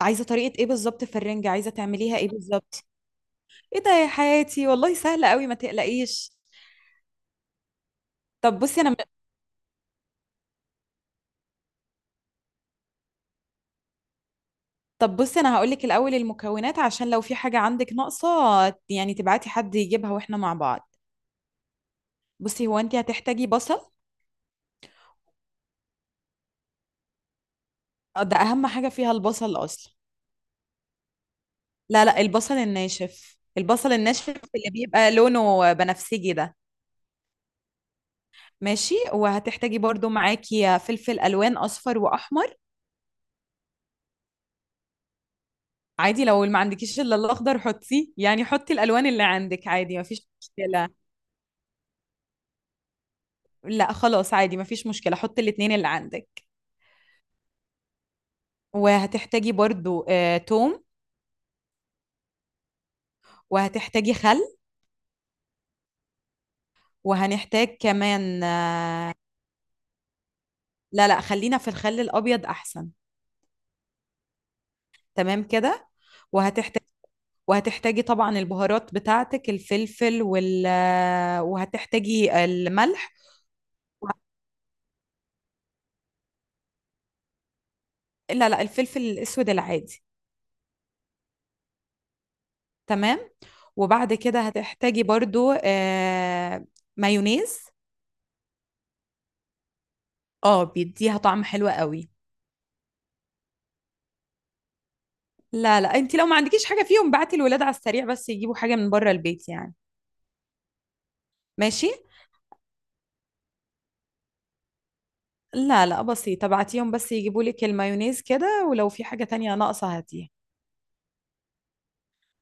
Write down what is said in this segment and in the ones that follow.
عايزه طريقه ايه بالظبط في الرنجه؟ عايزه تعمليها ايه بالظبط؟ ايه ده يا حياتي؟ والله سهله قوي، ما تقلقيش. طب بصي انا طب بصي انا هقول لك الاول المكونات عشان لو في حاجه عندك ناقصه، يعني تبعتي حد يجيبها واحنا مع بعض. بصي، هو انت هتحتاجي بصل. ده اهم حاجه فيها البصل اصلا. لا لا، البصل الناشف، البصل الناشف اللي بيبقى لونه بنفسجي ده. ماشي، وهتحتاجي برضو معاكي فلفل الوان اصفر واحمر. عادي لو ما عندكيش الا الاخضر حطيه، يعني حطي الالوان اللي عندك عادي مفيش مشكله. لا خلاص، عادي مفيش مشكله، حطي الاتنين اللي عندك. وهتحتاجي برضو توم. وهتحتاجي خل. وهنحتاج كمان لا لا، خلينا في الخل الابيض احسن. تمام كده. وهتحتاج وهتحتاجي طبعا البهارات بتاعتك، الفلفل وال آه، وهتحتاجي الملح. لا لا، الفلفل الاسود العادي. تمام. وبعد كده هتحتاجي برضو مايونيز. اه بيديها طعم حلو قوي. لا لا، انت لو ما عندكيش حاجة فيهم بعتي الولاد على السريع بس يجيبوا حاجة من بره البيت يعني. ماشي. لا لا، بسيطة، بعتيهم بس يجيبوا لك المايونيز كده، ولو في حاجة تانية ناقصة هاتيها.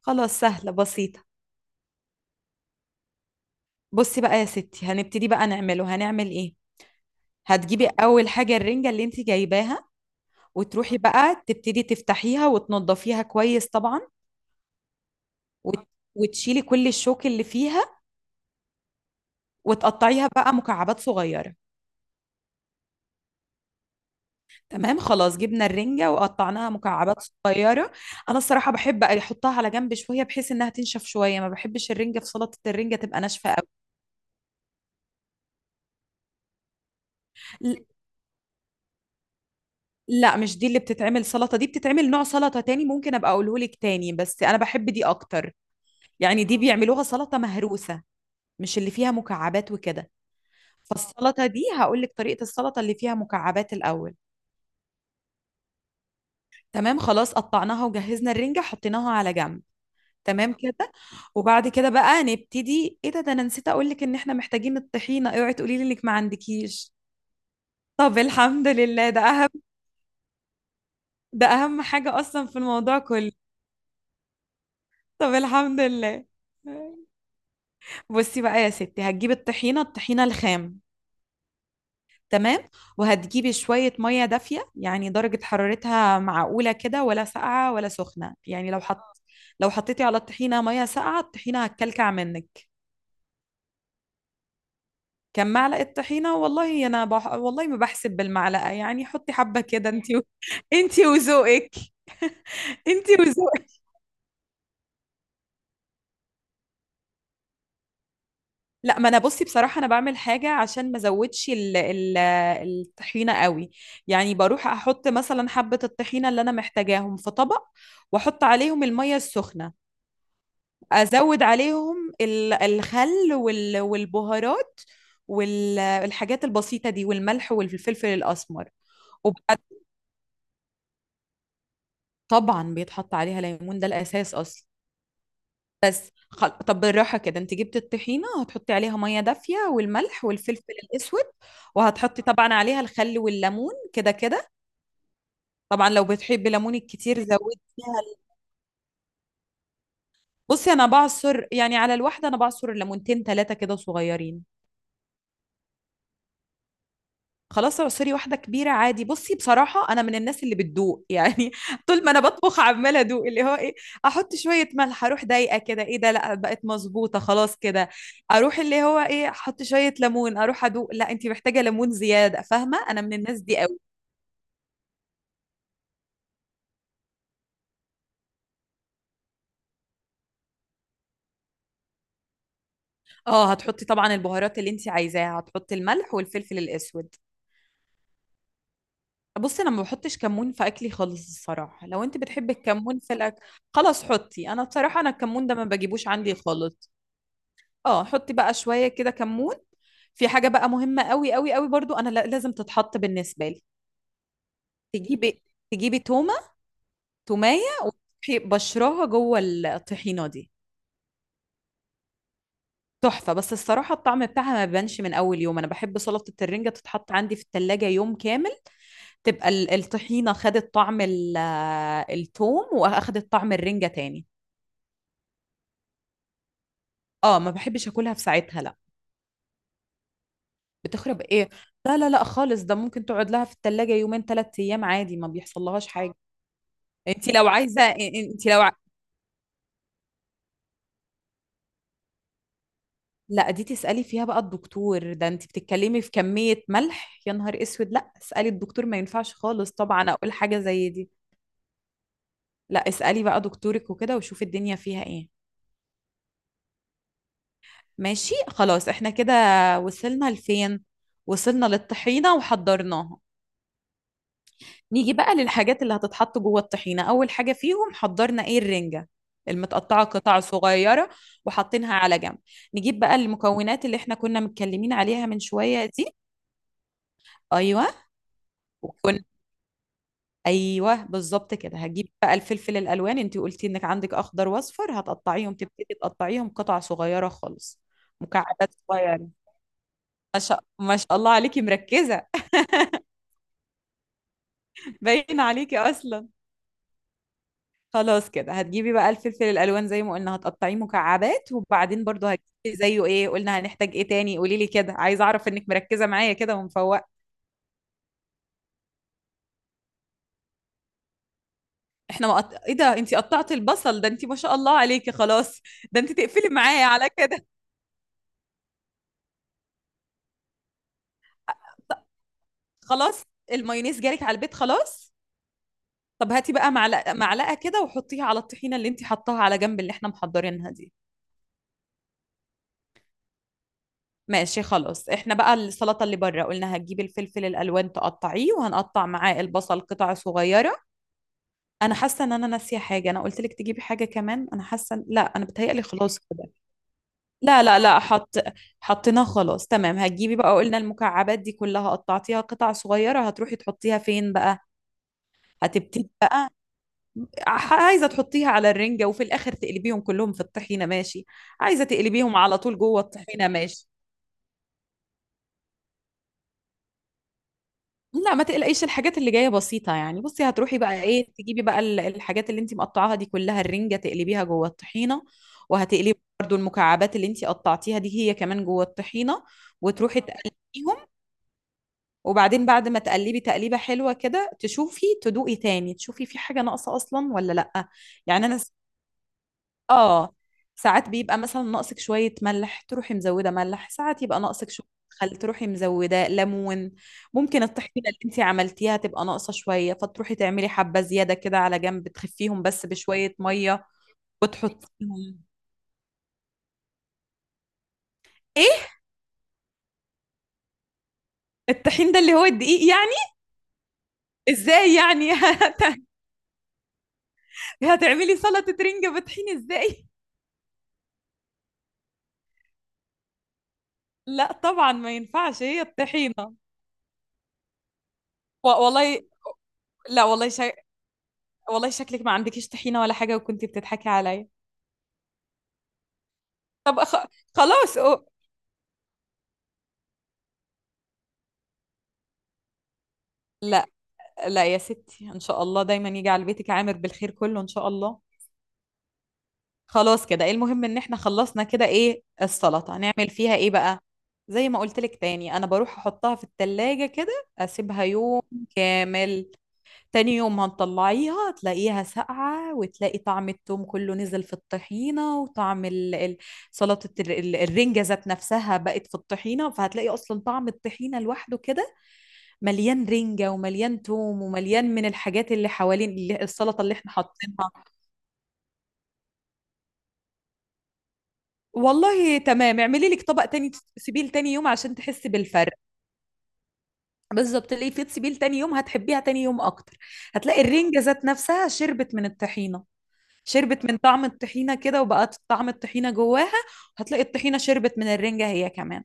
خلاص سهلة بسيطة. بصي بقى يا ستي، هنبتدي بقى نعمله، هنعمل ايه. هتجيبي اول حاجة الرنجة اللي انت جايباها، وتروحي بقى تبتدي تفتحيها وتنضفيها كويس طبعا، وت- وتشيلي كل الشوك اللي فيها، وتقطعيها بقى مكعبات صغيرة. تمام خلاص، جبنا الرنجة وقطعناها مكعبات صغيرة. أنا الصراحة بحب أحطها على جنب شوية بحيث إنها تنشف شوية، ما بحبش الرنجة في سلطة الرنجة تبقى ناشفة أوي. ل- لا، مش دي اللي بتتعمل سلطة، دي بتتعمل نوع سلطة تاني، ممكن أبقى أقولهولك تاني بس أنا بحب دي أكتر. يعني دي بيعملوها سلطة مهروسة، مش اللي فيها مكعبات وكده. فالسلطة دي هقولك طريقة السلطة اللي فيها مكعبات الأول. تمام خلاص، قطعناها وجهزنا الرنجة، حطيناها على جنب. تمام كده. وبعد كده بقى نبتدي ايه، ده انا نسيت اقول لك ان احنا محتاجين الطحينة، اوعي تقولي لي انك ما عندكيش. طب الحمد لله، ده اهم حاجة اصلا في الموضوع كله. طب الحمد لله. بصي بقى يا ستي، هتجيبي الطحينة، الطحينة الخام. تمام. وهتجيبي شوية مية دافية، يعني درجة حرارتها معقولة كده، ولا ساقعة ولا سخنة، يعني لو حطيتي على الطحينة مية ساقعة الطحينة هتكلكع منك. كم معلقة طحينة؟ والله ما بحسب بالمعلقة، يعني حطي حبة كده. أنت وذوقك. أنت وذوقك. لا، ما أنا بصي بصراحة، أنا بعمل حاجة عشان ما أزودش الطحينة قوي. يعني بروح أحط مثلا حبة الطحينة اللي أنا محتاجاهم في طبق، وأحط عليهم المية السخنة، أزود عليهم الخل والبهارات والحاجات البسيطة دي، والملح والفلفل الأسمر. وبعد طبعا بيتحط عليها ليمون، ده الأساس أصلا. طب بالراحة كده، انت جبت الطحينة هتحطي عليها مية دافية والملح والفلفل الأسود، وهتحطي طبعا عليها الخل والليمون كده كده. طبعا لو بتحبي ليمون الكتير زودي فيها بصي أنا بعصر يعني على الواحدة، أنا بعصر ليمونتين ثلاثة كده صغيرين. خلاص اعصري واحدة كبيرة عادي. بصي بصراحة، أنا من الناس اللي بتدوق يعني، طول ما أنا بطبخ عمالة أدوق، اللي هو إيه، أحط شوية ملح، أروح ضايقة كده، إيه ده، لأ بقت مظبوطة خلاص كده. أروح اللي هو إيه، أحط شوية ليمون، أروح أدوق، لأ أنت محتاجة ليمون زيادة، فاهمة، أنا من الناس دي قوي. أه، هتحطي طبعا البهارات اللي أنت عايزاها، هتحطي الملح والفلفل الأسود. بصي أنا ما بحطش كمون في أكلي خالص الصراحة، لو أنت بتحبي الكمون في الأكل، خلاص حطي، أنا بصراحة أنا الكمون ده ما بجيبوش عندي خالص. اه حطي بقى شوية كده كمون. في حاجة بقى مهمة قوي قوي قوي برضو، انا لازم تتحط بالنسبة لي. تجيبي تجيبي تومة، تومية، وتروحي بشراها جوه الطحينة دي. تحفة، بس الصراحة الطعم بتاعها ما بيبانش من أول يوم، أنا بحب سلطة الرنجة تتحط عندي في التلاجة يوم كامل، تبقى الطحينة خدت طعم التوم، وأخدت طعم الرنجة تاني. اه ما بحبش أكلها في ساعتها لا. بتخرب ايه، لا لا لا خالص، ده ممكن تقعد لها في التلاجة يومين ثلاثة أيام عادي، ما بيحصل لهاش حاجة. انت لو عايزه انت لو ع... لا دي تسالي فيها بقى الدكتور، ده انت بتتكلمي في كميه ملح، يا نهار اسود، لا اسالي الدكتور، ما ينفعش خالص طبعا اقول حاجه زي دي. لا اسالي بقى دكتورك وكده، وشوفي الدنيا فيها ايه. ماشي خلاص، احنا كده وصلنا لفين؟ وصلنا للطحينه وحضرناها. نيجي بقى للحاجات اللي هتتحط جوه الطحينه، اول حاجه فيهم حضرنا ايه، الرنجه المتقطعه قطع صغيره، وحاطينها على جنب. نجيب بقى المكونات اللي احنا كنا متكلمين عليها من شويه دي. ايوه وكن ايوه بالظبط كده، هجيب بقى الفلفل الالوان، انت قلتي انك عندك اخضر واصفر، هتقطعيهم تبتدي تقطعيهم قطع صغيره خالص، مكعبات صغيره. ما شاء الله عليكي مركزه، باين عليكي اصلا. خلاص كده هتجيبي بقى الفلفل الالوان زي ما قلنا هتقطعيه مكعبات، وبعدين برضو هتجيبي زيه، ايه قلنا هنحتاج ايه تاني، قولي لي كده، عايزه اعرف انك مركزه معايا كده ومفوقه. احنا ما قط... ايه ده انت قطعتي البصل، ده انت ما شاء الله عليكي خلاص، ده انت تقفلي معايا على كده، خلاص المايونيز جالك على البيت خلاص. طب هاتي بقى معلقه معلقه كده، وحطيها على الطحينه اللي انت حطاها على جنب اللي احنا محضرينها دي. ماشي خلاص، احنا بقى السلطه اللي بره قلنا هتجيبي الفلفل الالوان تقطعيه، وهنقطع معاه البصل قطع صغيره. انا حاسه ان انا ناسيه حاجه، انا قلت لك تجيبي حاجه كمان، انا حاسه لا انا بتهيألي خلاص كده. لا لا لا، حطيناه خلاص تمام. هتجيبي بقى قلنا المكعبات دي كلها قطعتيها قطع صغيره، هتروحي تحطيها فين بقى؟ هتبتدي بقى عايزه تحطيها على الرنجه، وفي الاخر تقلبيهم كلهم في الطحينه، ماشي. عايزه تقلبيهم على طول جوه الطحينه، ماشي. لا ما تقلقيش الحاجات اللي جايه بسيطه يعني، بصي هتروحي بقى ايه، تجيبي بقى الحاجات اللي انت مقطعاها دي كلها، الرنجه، تقلبيها جوه الطحينه، وهتقلبي برضو المكعبات اللي انت قطعتيها دي هي كمان جوه الطحينه، وتروحي تقلبيهم. وبعدين بعد ما تقلبي تقليبه حلوه كده تشوفي، تدوقي تاني تشوفي في حاجه ناقصه اصلا ولا لا. يعني انا اه، ساعات بيبقى مثلا ناقصك شوية ملح تروحي مزودة ملح، ساعات يبقى ناقصك شوية خل تروحي مزودة ليمون. ممكن الطحينة اللي انتي عملتيها تبقى ناقصة شوية، فتروحي تعملي حبة زيادة كده على جنب تخفيهم بس بشوية مية وتحطيهم. ايه، الطحين ده اللي هو الدقيق يعني؟ ازاي يعني هتعملي سلطة رنجة بطحين ازاي؟ لا طبعا ما ينفعش، هي الطحينة. والله لا والله شا... والله شكلك ما عندكيش طحينة ولا حاجة وكنتي بتضحكي عليا. طب خلاص لا لا يا ستي ان شاء الله دايما يجي على بيتك عامر بالخير كله ان شاء الله. خلاص كده، ايه المهم ان احنا خلصنا كده، ايه السلطه هنعمل فيها ايه بقى؟ زي ما قلت لك تاني انا بروح احطها في التلاجة كده، اسيبها يوم كامل. تاني يوم هنطلعيها تلاقيها ساقعه، وتلاقي طعم التوم كله نزل في الطحينه، وطعم سلطه الرنجه ذات نفسها بقت في الطحينه، فهتلاقي اصلا طعم الطحينه لوحده كده مليان رنجة ومليان توم ومليان من الحاجات اللي حوالين اللي السلطة اللي احنا حاطينها. والله تمام، اعملي لك طبق تاني تسيبيه تاني يوم عشان تحسي بالفرق. بالظبط، اللي في تسيبيه تاني يوم هتحبيها تاني يوم اكتر، هتلاقي الرنجة ذات نفسها شربت من الطحينة، شربت من طعم الطحينة كده وبقت طعم الطحينة جواها، هتلاقي الطحينة شربت من الرنجة هي كمان.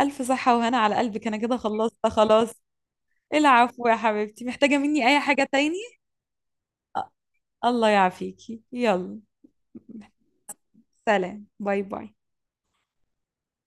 ألف صحة وهنا على قلبك، أنا كده خلصت خلاص. العفو يا حبيبتي، محتاجة مني أي حاجة تاني؟ الله يعافيكي، يلا سلام باي باي.